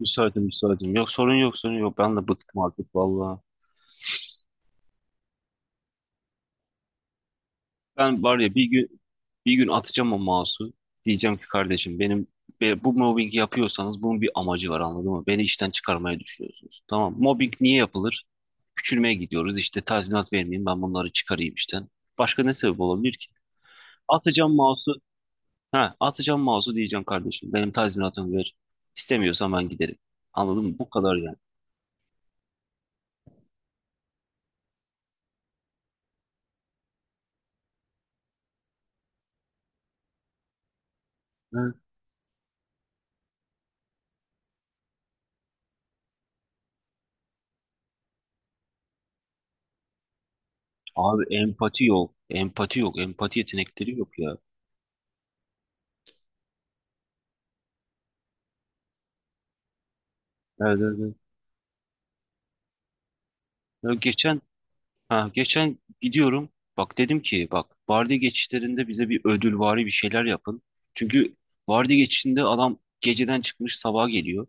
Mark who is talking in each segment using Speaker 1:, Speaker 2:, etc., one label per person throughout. Speaker 1: Müsaitim müsaitim. Yok sorun yok sorun yok. Ben de bıktım artık valla. Ben var ya bir gün bir gün atacağım o mouse'u. Diyeceğim ki kardeşim benim bu mobbingi yapıyorsanız bunun bir amacı var anladın mı? Beni işten çıkarmaya düşünüyorsunuz. Tamam mobbing niye yapılır? Küçülmeye gidiyoruz. İşte tazminat vermeyeyim ben bunları çıkarayım işten. Başka ne sebep olabilir ki? Atacağım mouse'u. Ha, atacağım mouse'u diyeceğim kardeşim. Benim tazminatımı ver. İstemiyorsan ben giderim. Anladın mı? Bu kadar yani. Abi empati yok. Empati yok. Empati yetenekleri yok ya. Evet, evet, evet. Ya geçen gidiyorum. Bak dedim ki bak vardiya geçişlerinde bize bir ödülvari bir şeyler yapın. Çünkü vardiya geçişinde adam geceden çıkmış sabaha geliyor.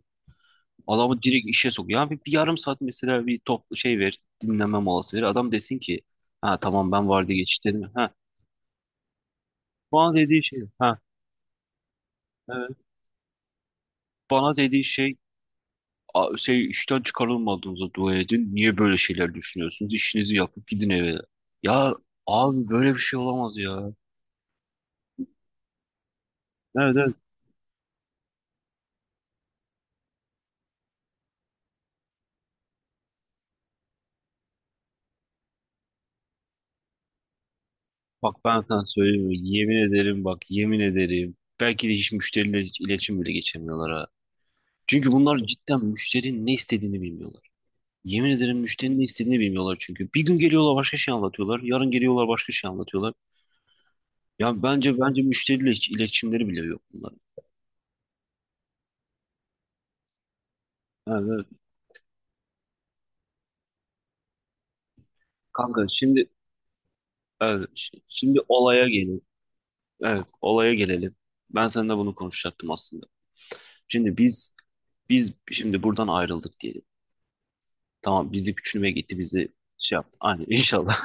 Speaker 1: Adamı direkt işe sokuyor. Ya bir yarım saat mesela bir top şey ver, dinlenme molası ver. Adam desin ki ha tamam ben vardiya geçişlerim. Ha bana dediği şey ha evet. Bana dediği şey şey işten çıkarılmadığınıza dua edin. Niye böyle şeyler düşünüyorsunuz? İşinizi yapıp gidin eve. Ya abi böyle bir şey olamaz ya. Evet evet. Bak ben sana söyleyeyim mi? Yemin ederim bak yemin ederim. Belki de hiç müşteriyle hiç iletişim bile geçemiyorlar ha. Çünkü bunlar cidden müşterinin ne istediğini bilmiyorlar. Yemin ederim müşterinin ne istediğini bilmiyorlar çünkü. Bir gün geliyorlar başka şey anlatıyorlar. Yarın geliyorlar başka şey anlatıyorlar. Ya bence müşteriyle hiç iletişimleri bile yok bunların. Evet, evet. Kanka, evet, şimdi olaya gelelim. Evet, olaya gelelim. Ben seninle bunu konuşacaktım aslında. Şimdi biz buradan ayrıldık diyelim. Tamam bizi küçülmeye gitti bizi şey yaptı. Hani inşallah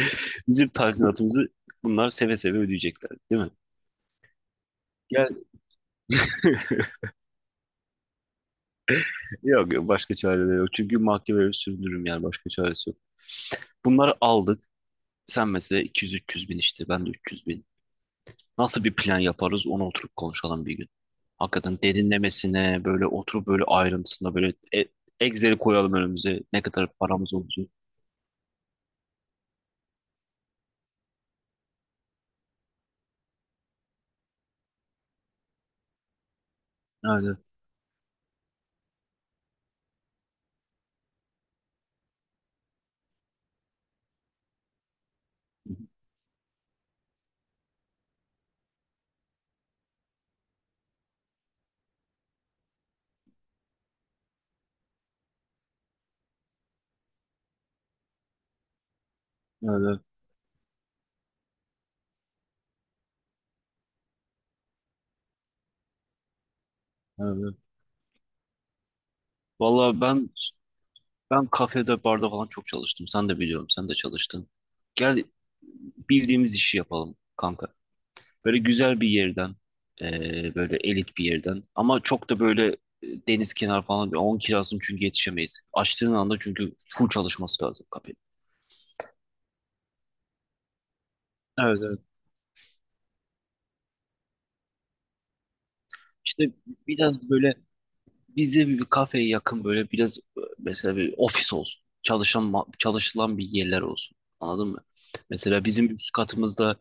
Speaker 1: bizim tazminatımızı bunlar seve seve ödeyecekler değil mi? Yani yok yok başka çare de yok. Çünkü mahkemeye sürdürürüm yani başka çaresi yok. Bunları aldık. Sen mesela 200-300 bin işte ben de 300. Nasıl bir plan yaparız onu oturup konuşalım bir gün. Hakikaten derinlemesine böyle oturup böyle ayrıntısına böyle Excel'i koyalım önümüze. Ne kadar paramız olacak. Öyle. Öyle. Öyle. Valla ben kafede barda falan çok çalıştım. Sen de biliyorum. Sen de çalıştın. Gel bildiğimiz işi yapalım kanka. Böyle güzel bir yerden böyle elit bir yerden ama çok da böyle deniz kenarı falan bir 10 kirasını çünkü yetişemeyiz. Açtığın anda çünkü full çalışması lazım kafe. Evet, evet. İşte biraz böyle bize bir kafeye yakın böyle biraz mesela bir ofis olsun. Çalışılan bir yerler olsun. Anladın mı? Mesela bizim üst katımızda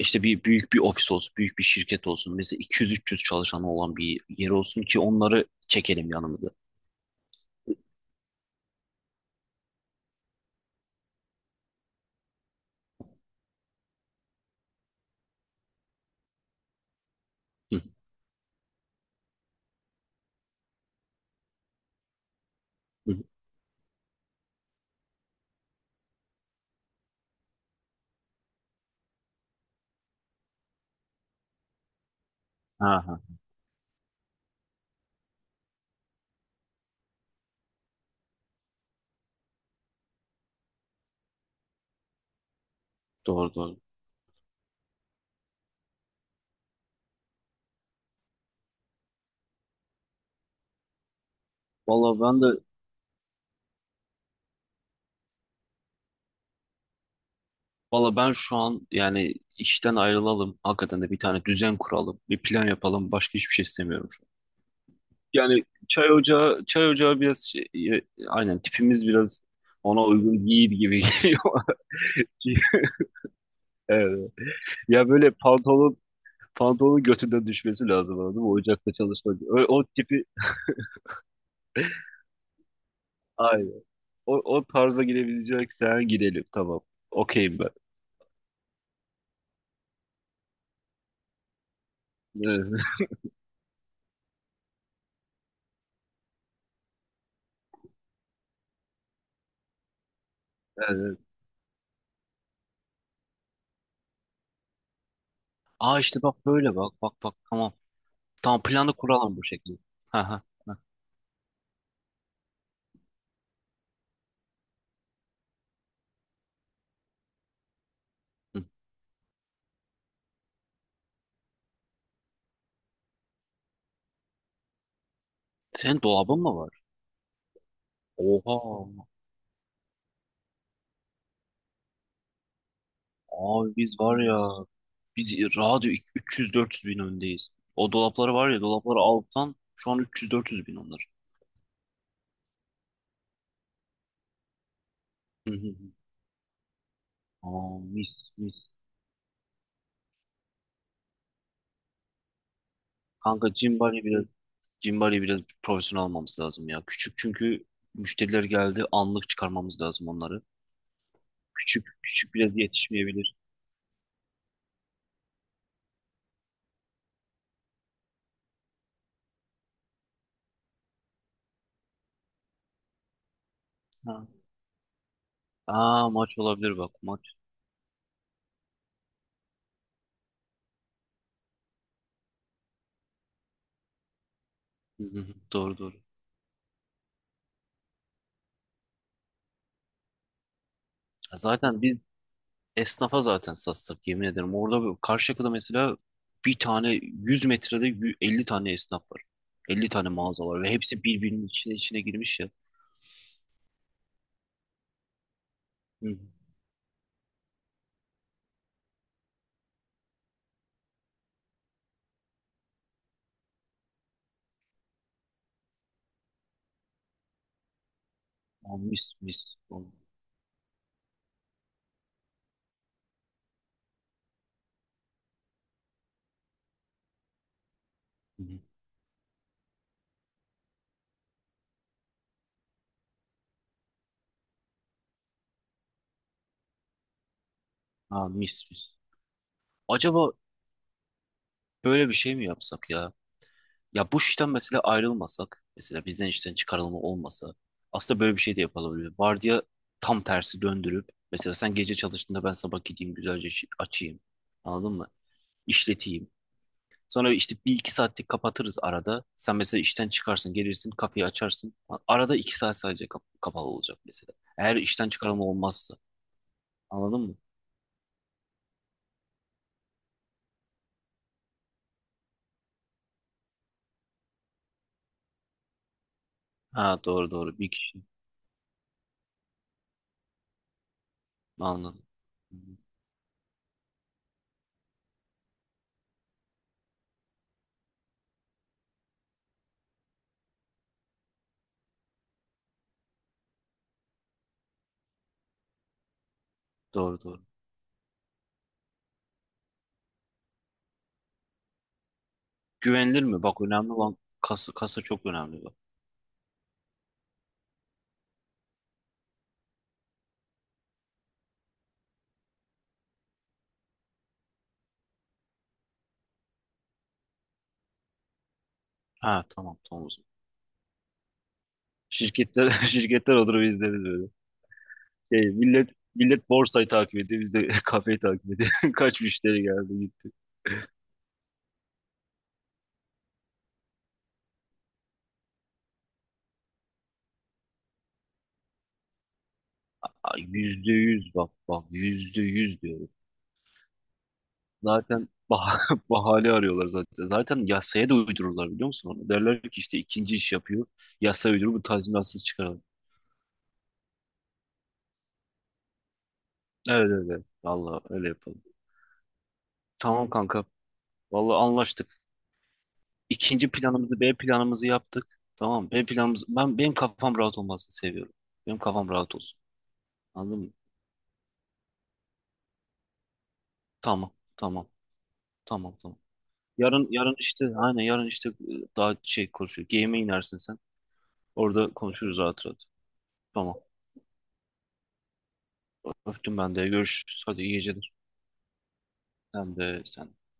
Speaker 1: işte bir büyük bir ofis olsun, büyük bir şirket olsun. Mesela 200-300 çalışanı olan bir yer olsun ki onları çekelim yanımıza. Hı hı. Ha, ha. Doğru doğru. Valla ben de valla ben şu an yani işten ayrılalım. Hakikaten de bir tane düzen kuralım. Bir plan yapalım. Başka hiçbir şey istemiyorum. Yani çay ocağı biraz şey, e, aynen tipimiz biraz ona uygun değil gibi geliyor. Evet. Ya böyle pantolonun götünden düşmesi lazım anladın mı? Ocakta çalışmak. O tipi aynen. O tarza girebileceksen girelim. Tamam. Okeyim ben. Evet. Evet. Aa işte bak böyle bak bak bak tamam. Tamam planı kuralım bu şekilde. Ha ha. Ha. Hı. Senin dolabın mı var? Oha. Abi biz var ya biz rahat 300-400 bin öndeyiz. O dolapları var ya dolapları alttan şu an 300-400 bin onlar. Hı hı. Hı. Aa, mis mis. Kanka Cimbali biraz profesyonel almamız lazım ya. Küçük çünkü müşteriler geldi anlık çıkarmamız lazım onları. Küçük küçük biraz yetişmeyebilir. Ha. Aa maç olabilir bak maç. Hı hı. Hı. Doğru doğru. Zaten biz Esnafa zaten satsak yemin ederim. Orada Karşıyaka'da mesela bir tane 100 metrede 50 tane esnaf var. 50 tane mağaza var ve hepsi birbirinin içine içine girmiş ya. Hı hı. Aa, mis mis. Vallahi. Hı hı. Aa, mis mis. Acaba böyle bir şey mi yapsak ya? Ya bu işten mesela ayrılmasak, mesela bizden işten çıkarılma olmasa aslında böyle bir şey de yapılabilir. Vardiya tam tersi döndürüp mesela sen gece çalıştığında ben sabah gideyim güzelce işi açayım. Anladın mı? İşleteyim. Sonra işte bir iki saatlik kapatırız arada. Sen mesela işten çıkarsın, gelirsin, kafeyi açarsın. Arada 2 saat sadece kapalı olacak mesela. Eğer işten çıkarma olmazsa. Anladın mı? Ha doğru doğru. Bir kişi. Anladım. Hı hı. Doğru doğru. Güvenilir mi? Bak önemli olan kasa, kasa çok önemli bak. Ha tamam tamam o zaman. Şirketler, şirketler olur biz izleriz böyle. Şey, millet borsayı takip ediyor. Biz de kafeyi takip ediyor. Kaç müşteri geldi gitti. Ay, %100 bak bak %100 diyorum. Zaten bahane arıyorlar zaten. Zaten yasaya da uydururlar biliyor musun onu? Derler ki işte ikinci iş yapıyor. Yasa uydurup bu tazminatsız çıkaralım. Evet evet. Evet. Vallahi öyle yapalım. Tamam kanka. Vallahi anlaştık. İkinci planımızı B planımızı yaptık. Tamam B planımız, benim kafam rahat olmasını seviyorum. Benim kafam rahat olsun. Anladın mı? Tamam. Tamam. Tamam tamam. Yarın işte aynen yarın işte daha şey konuşuyor. Game'e inersin sen. Orada konuşuruz rahat rahat. Tamam. Öptüm ben de. Görüşürüz. Hadi iyi geceler. Sen de sen de.